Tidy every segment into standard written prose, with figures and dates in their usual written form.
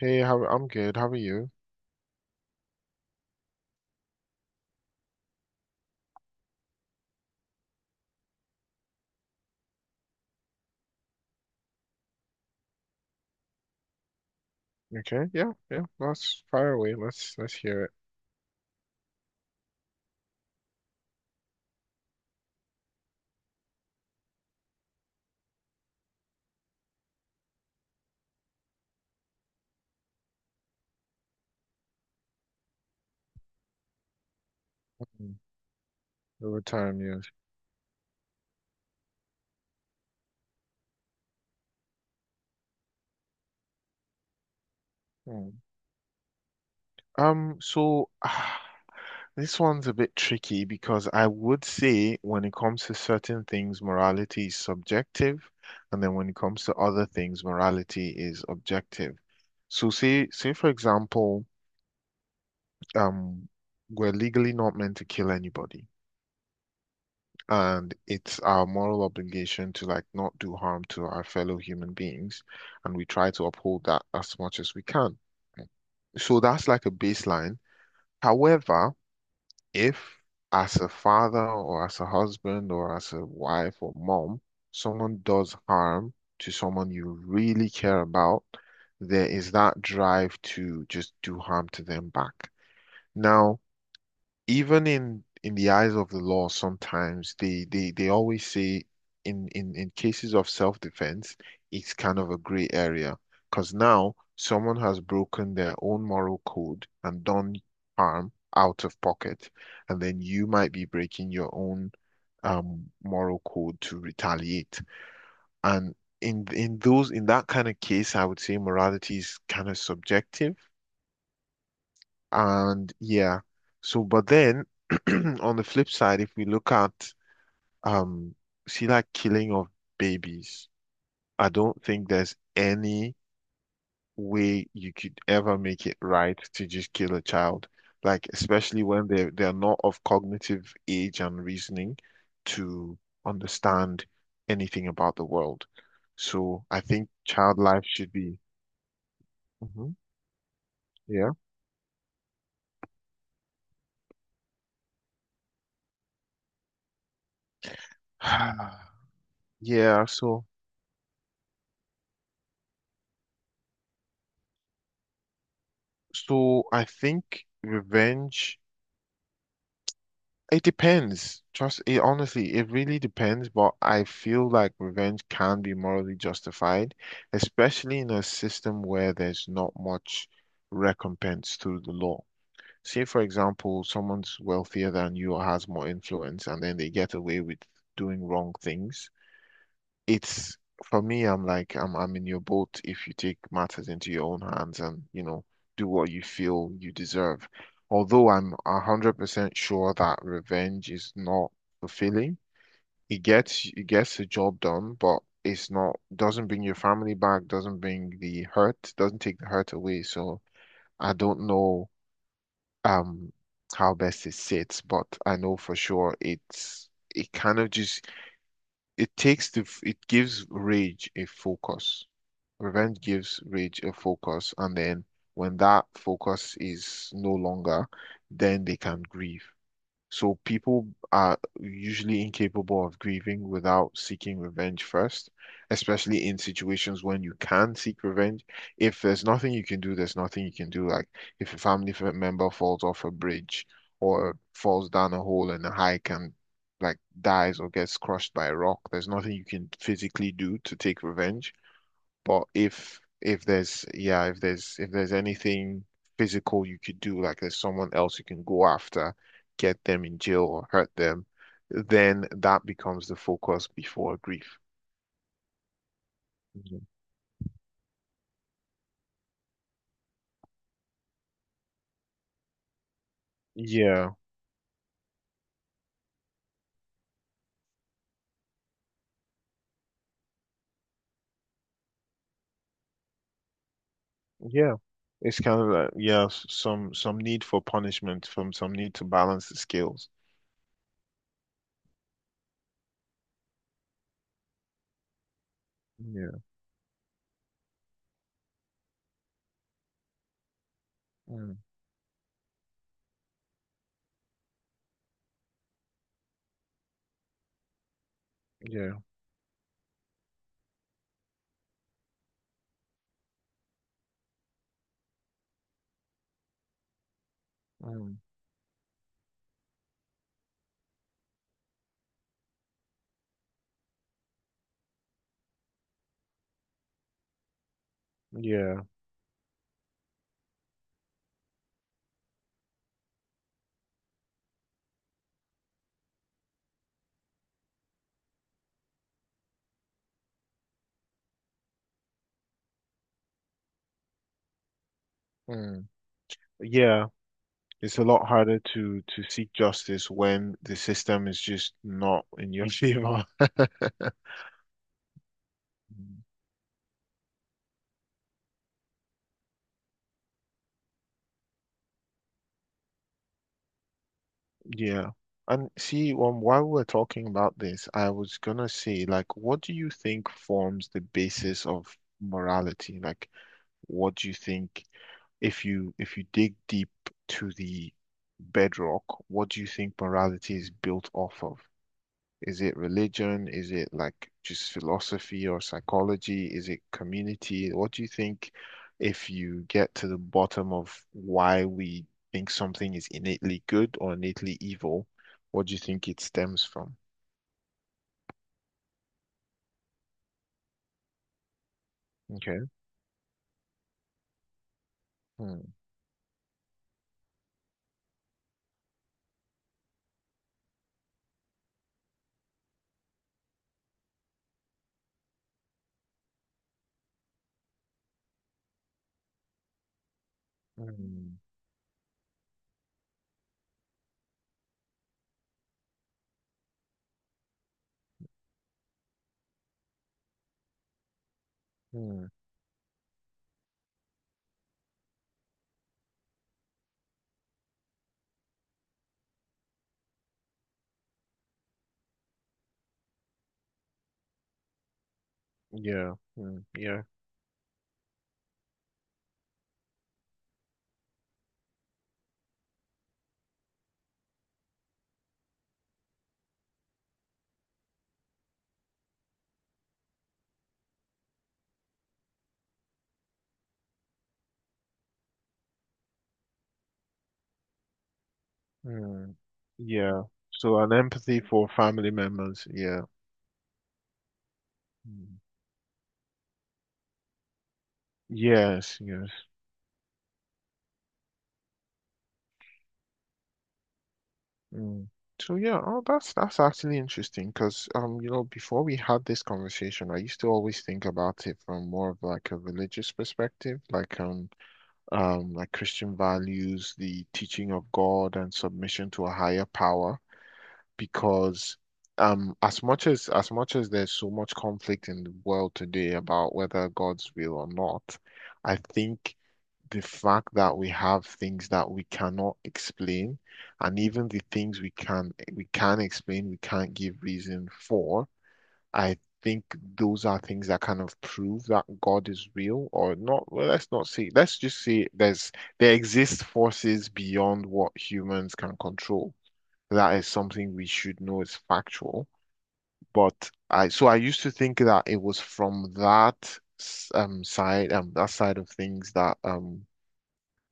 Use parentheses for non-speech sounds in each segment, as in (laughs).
Hey, how I'm good. How are you? Okay, yeah, yeah. Let's fire away. Let's hear it. Mm. Over time, yes. Mm. So (sighs) ah, this one's a bit tricky because I would say when it comes to certain things, morality is subjective, and then when it comes to other things, morality is objective. So say for example, um, we're legally not meant to kill anybody, and it's our moral obligation to like not do harm to our fellow human beings, and we try to uphold that as much as we can. So that's like a baseline. However, if as a father or as a husband or as a wife or mom, someone does harm to someone you really care about, there is that drive to just do harm to them back. Now, even in the eyes of the law, sometimes they always say in cases of self-defense, it's kind of a gray area because now someone has broken their own moral code and done harm out of pocket, and then you might be breaking your own moral code to retaliate. And in those in that kind of case, I would say morality is kind of subjective and yeah, so but then (clears throat) on the flip side, if we look at um see like killing of babies, I don't think there's any way you could ever make it right to just kill a child. Like especially when they're not of cognitive age and reasoning to understand anything about the world. So I think child life should be. Mhm. Yeah. (sighs) Yeah, so so I think revenge, it depends. Trust it, honestly, it really depends, but I feel like revenge can be morally justified, especially in a system where there's not much recompense through the law. Say, for example, someone's wealthier than you or has more influence, and then they get away with doing wrong things. It's for me, I'm like I'm in your boat if you take matters into your own hands and, you know, do what you feel you deserve. Although I'm 100% sure that revenge is not fulfilling. It gets the job done, but it's not doesn't bring your family back, doesn't bring the hurt, doesn't take the hurt away. So I don't know um how best it sits, but I know for sure it's it kind of just it takes the it gives rage a focus. Revenge gives Rage a focus, and then when that focus is no longer, then they can grieve. So people are usually incapable of grieving without seeking revenge first, especially in situations when you can seek revenge. If there's nothing you can do, there's nothing you can do. Like if a family member falls off a bridge or falls down a hole in a hike and like dies or gets crushed by a rock, there's nothing you can physically do to take revenge. But if there's yeah, if there's anything physical you could do, like there's someone else you can go after, get them in jail or hurt them, then that becomes the focus before grief. Mhm. Yeah, yeah. It's kind of like yeah, some need for punishment, from some need to balance the scales. Yeah. Mm, yeah. Mm, yeah. Mm, yeah. It's a lot harder to seek justice when the system is just not in your (laughs) favor. Mm. Yeah. And see, while we're talking about this, I was gonna say, like, what do you think forms the basis of morality? Like, what do you think if you dig deep to the bedrock, what do you think morality is built off of? Is it religion? Is it like just philosophy or psychology? Is it community? What do you think if you get to the bottom of why we think something is innately good or innately evil, what do you think it stems from? Okay. Hmm. Hmm. Hmm. Yeah. Hmm. Yeah. Hmm. Yeah. So an empathy for family members. Yeah. Hmm. Yes. Yes. Mm. So yeah, oh, that's actually interesting because you know, before we had this conversation, I used to always think about it from more of like a religious perspective, like Christian values, the teaching of God, and submission to a higher power. Because as much as there's so much conflict in the world today about whether God's will or not, I think the fact that we have things that we cannot explain, and even the things we can explain, we can't give reason for, I think those are things that kind of prove that God is real or not. Well, let's not say, let's just say there's there exist forces beyond what humans can control. That is something we should know is factual. But I so I used to think that it was from that side that side of things that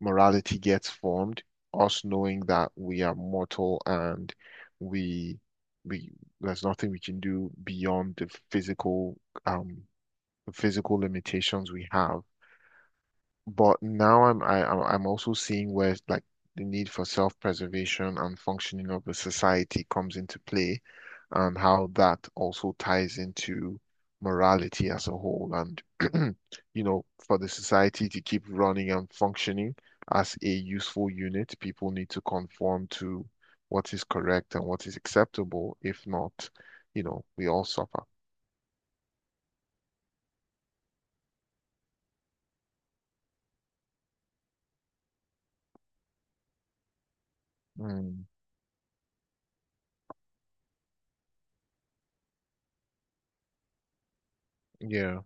morality gets formed, us knowing that we are mortal and we we there's nothing we can do beyond um the physical limitations we have. But now I'm I, I'm also seeing where like the need for self-preservation and functioning of the society comes into play, and how that also ties into morality as a whole. And (clears throat) you know, for the society to keep running and functioning as a useful unit, people need to conform to what is correct and what is acceptable. If not, you know, we all suffer. Mm, yeah,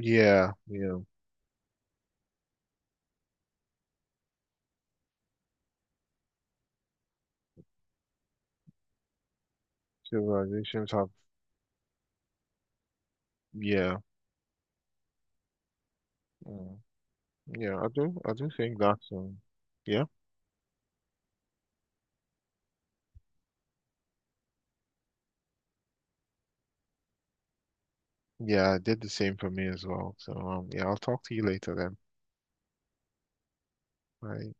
yeah, yeah. Civilizations have, yeah. Mm. Yeah, I do. I do think that's yeah, yeah. I did the same for me as well. So yeah, I'll talk to you later then. Bye.